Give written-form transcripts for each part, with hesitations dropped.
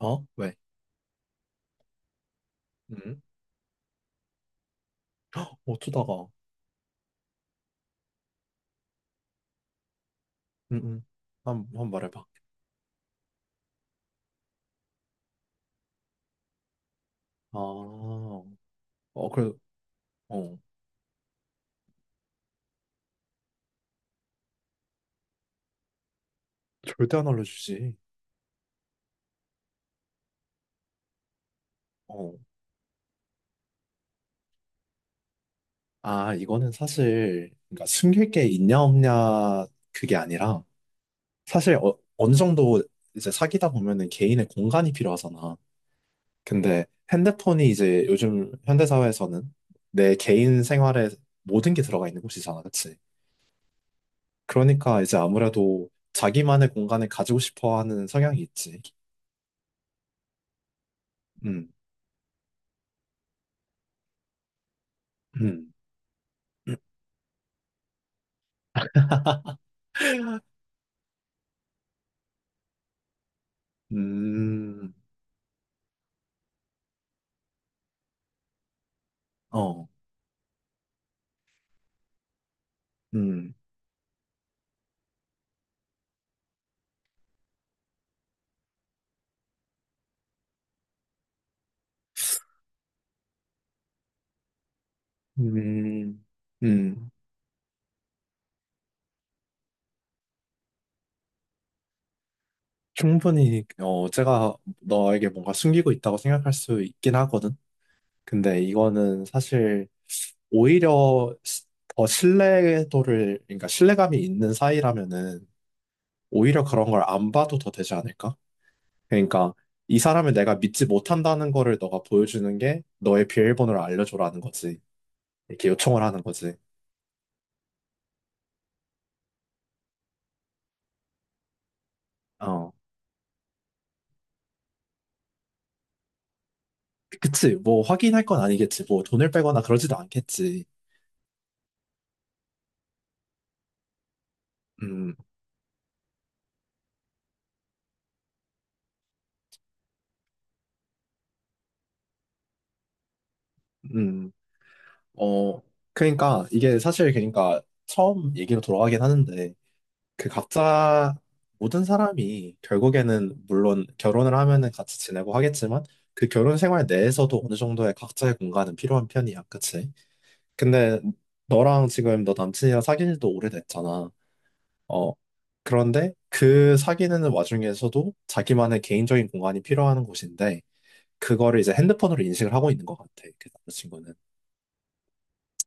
어? 왜? 음? 헉, 어쩌다가? 음, 음. 한번 말해봐. 아, 어, 그래, 어. 절대 안 알려주지. 어. 아, 이거는 사실, 그러니까 숨길 게 있냐, 없냐, 그게 아니라, 사실 어, 어느 정도 이제 사귀다 보면은 개인의 공간이 필요하잖아. 근데 핸드폰이 이제 요즘 현대사회에서는 내 개인 생활에 모든 게 들어가 있는 곳이잖아, 그치? 그러니까 이제 아무래도 자기만의 공간을 가지고 싶어 하는 성향이 있지. 음. 음, 음, 어, 음, 음, 음. 충분히, 어, 제가 너에게 뭔가 숨기고 있다고 생각할 수 있긴 하거든. 근데 이거는 사실 오히려 더 신뢰도를, 그러니까 신뢰감이 있는 사이라면은 오히려 그런 걸 안 봐도 더 되지 않을까? 그러니까 이 사람을 내가 믿지 못한다는 거를 너가 보여주는 게 너의 비밀번호를 알려줘라는 거지. 이렇게 요청을 하는 거지. 어. 그치, 뭐 확인할 건 아니겠지, 뭐 돈을 빼거나 그러지도 않겠지. 음, 음, 어, 그러니까 이게 사실 그러니까 처음 얘기로 돌아가긴 하는데 그 각자 모든 사람이 결국에는 물론 결혼을 하면은 같이 지내고 하겠지만 그 결혼 생활 내에서도 어느 정도의 각자의 공간은 필요한 편이야, 그치? 근데 너랑 지금 너 남친이랑 사귄 지도 오래됐잖아. 어, 그런데 그 사귀는 와중에서도 자기만의 개인적인 공간이 필요한 곳인데 그거를 이제 핸드폰으로 인식을 하고 있는 것 같아. 그 남자친구는.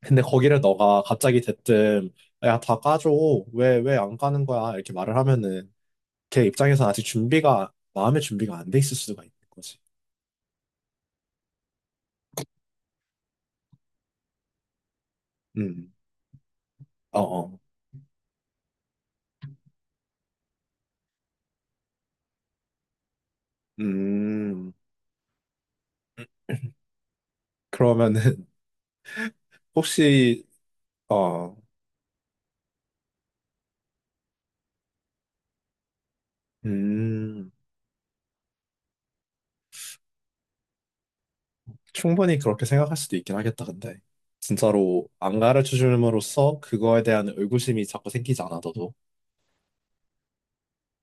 근데 거기를 너가 갑자기 대뜸 야, 다 까줘. 왜, 왜 안 까는 거야? 이렇게 말을 하면은 걔 입장에서는 아직 준비가 마음의 준비가 안 돼 있을 수가 있는 거지. 음. 어, 어. 음. 그러면은 혹시 어. 음. 충분히 그렇게 생각할 수도 있긴 하겠다. 근데 진짜로 안 가르쳐 줌으로써 그거에 대한 의구심이 자꾸 생기지 않아 너도.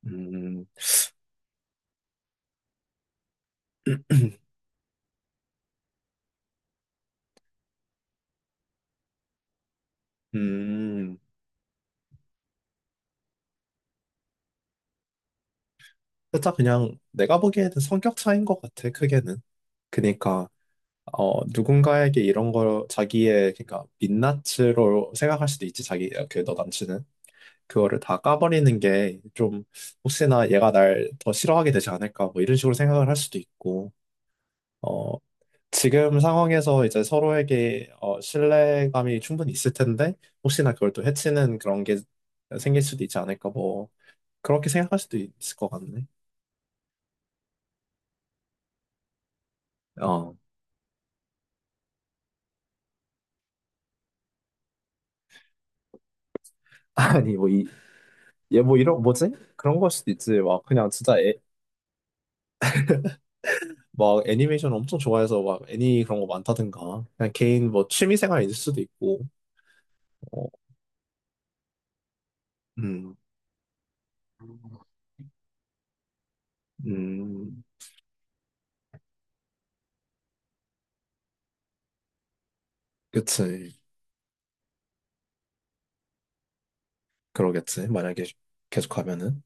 음. 음. 살짝 그냥 내가 보기에는 성격 차이인 것 같아, 크게는. 그니까, 어, 누군가에게 이런 걸 자기의, 그니까, 민낯으로 생각할 수도 있지, 자기, 그, 너 남친은. 그거를 다 까버리는 게 좀, 혹시나 얘가 날 더 싫어하게 되지 않을까, 뭐, 이런 식으로 생각을 할 수도 있고, 어, 지금 상황에서 이제 서로에게, 어, 신뢰감이 충분히 있을 텐데, 혹시나 그걸 또 해치는 그런 게 생길 수도 있지 않을까, 뭐, 그렇게 생각할 수도 있을 것 같네. 어. 아니, 뭐, 이, 얘 뭐 이런 뭐지? 그런 걸 수도 있지. 막 그냥 진짜 애, 막 애니메이션 엄청 좋아해서 막 애니 그런 거 많다든가. 그냥 개인 뭐 취미 생활일 수도 있고. 어, 음, 음, 그치. 그러겠지. 만약에 계속 하면은.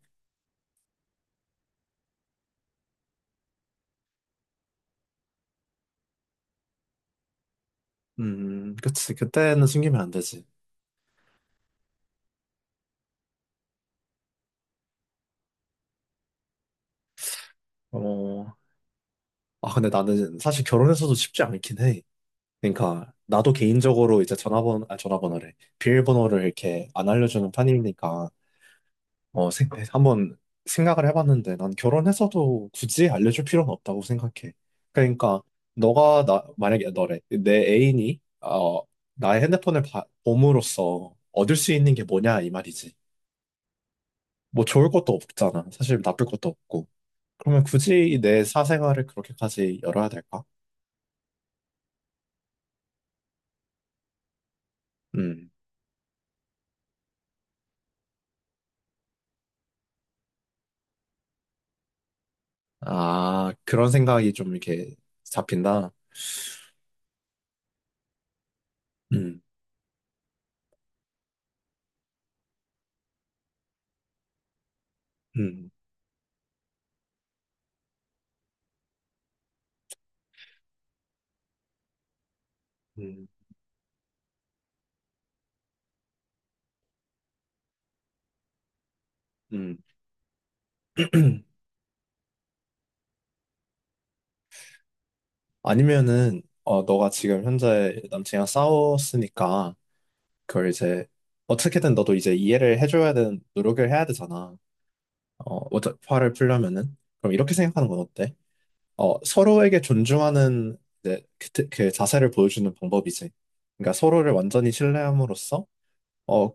그치. 그때는 숨기면 안 되지. 어, 아, 근데 나는 사실 결혼해서도 쉽지 않긴 해. 그러니까 나도 개인적으로 이제 전화번호, 아, 전화번호래. 비밀번호를 이렇게 안 알려주는 편이니까. 어, 생, 네, 한번 생각을 해봤는데 난 결혼해서도 굳이 알려줄 필요는 없다고 생각해. 그러니까 너가 나 만약에 너래 내 애인이 어 나의 핸드폰을 봄으로써 얻을 수 있는 게 뭐냐 이 말이지. 뭐 좋을 것도 없잖아. 사실 나쁠 것도 없고. 그러면 굳이 내 사생활을 그렇게까지 열어야 될까? 음. 아, 그런 생각이 좀 이렇게 잡힌다. 음. 음. 음. 음. 아니면은 어 너가 지금 현재 남친이랑 싸웠으니까 그걸 이제 어떻게든 너도 이제 이해를 해줘야 되는 노력을 해야 되잖아. 어 화를 풀려면은 그럼 이렇게 생각하는 건 어때? 어 서로에게 존중하는 이제 그 자세를 보여주는 방법이지. 그러니까 서로를 완전히 신뢰함으로써 어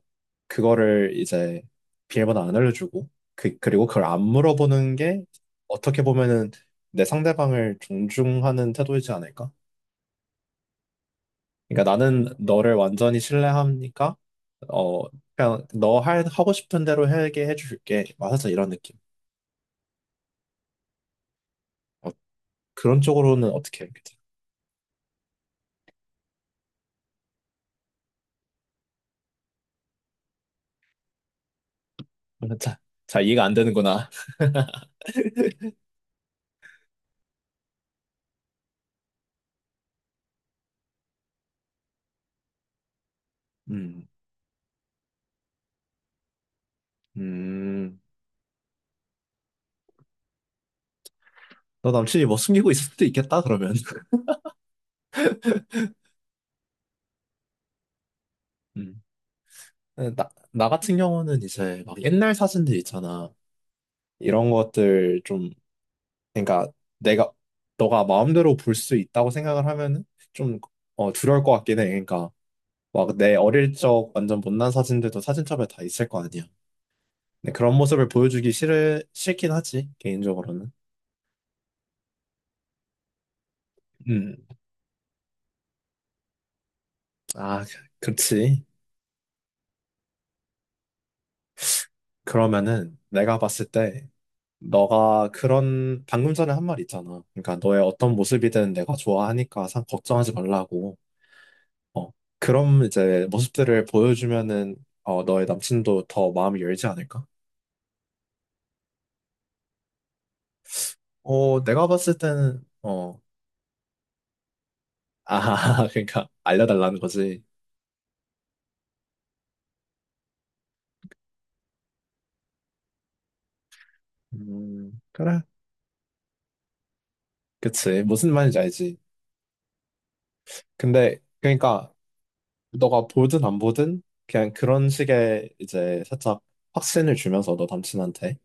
그거를 이제 비밀번호 안 알려주고 그 그리고 그걸 안 물어보는 게 어떻게 보면은 내 상대방을 존중하는 태도이지 않을까? 그러니까 나는 너를 완전히 신뢰하니까 어 그냥 너 하고 싶은 대로 하게 해줄게. 막 살짝 이런 느낌. 어, 그런 쪽으로는 어떻게 해야 되지? 자, 잘 이해가 안 되는구나. 음, 음, 너 남친이 뭐 숨기고 있을 수도 있겠다, 그러면. 음. 나 같은 경우는 이제 막 옛날 사진들 있잖아. 이런 것들 좀, 그러니까 내가, 너가 마음대로 볼 수 있다고 생각을 하면은 좀, 어, 두려울 것 같긴 해. 그러니까 막 내 어릴 적 완전 못난 사진들도 사진첩에 다 있을 거 아니야. 근데 그런 모습을 보여주기 싫긴 하지, 개인적으로는. 음, 아, 그- 그렇지. 그러면은 내가 봤을 때 너가 그런 방금 전에 한 말 있잖아. 그러니까 너의 어떤 모습이든 내가 좋아하니까 상 걱정하지 말라고. 어, 그럼 이제 모습들을 보여주면은 어, 너의 남친도 더 마음이 열지 않을까? 어, 내가 봤을 때는 어, 아, 그러니까 알려달라는 거지. 그래. 그치. 무슨 말인지 알지. 근데, 그러니까, 너가 보든 안 보든, 그냥 그런 식의 이제 살짝 확신을 주면서 너 남친한테,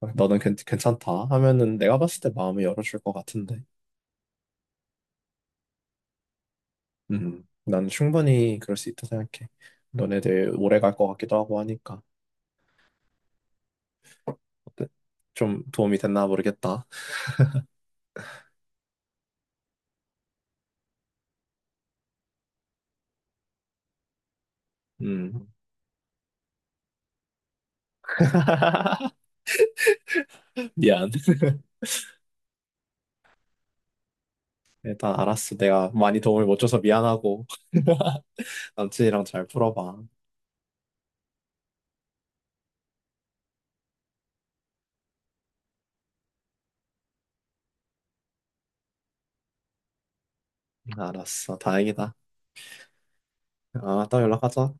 어, 너는 괜, 괜찮다 하면은 내가 봤을 때 마음을 열어줄 것 같은데. 난 충분히 그럴 수 있다 생각해. 너네들 오래 갈 것 같기도 하고 하니까. 어때? 좀 도움이 됐나 모르겠다. 음, 미안. 일단 알았어. 내가 많이 도움을 못 줘서 미안하고. 남친이랑 잘 풀어봐. 알았어. 다행이다. 아, 따 연락하자.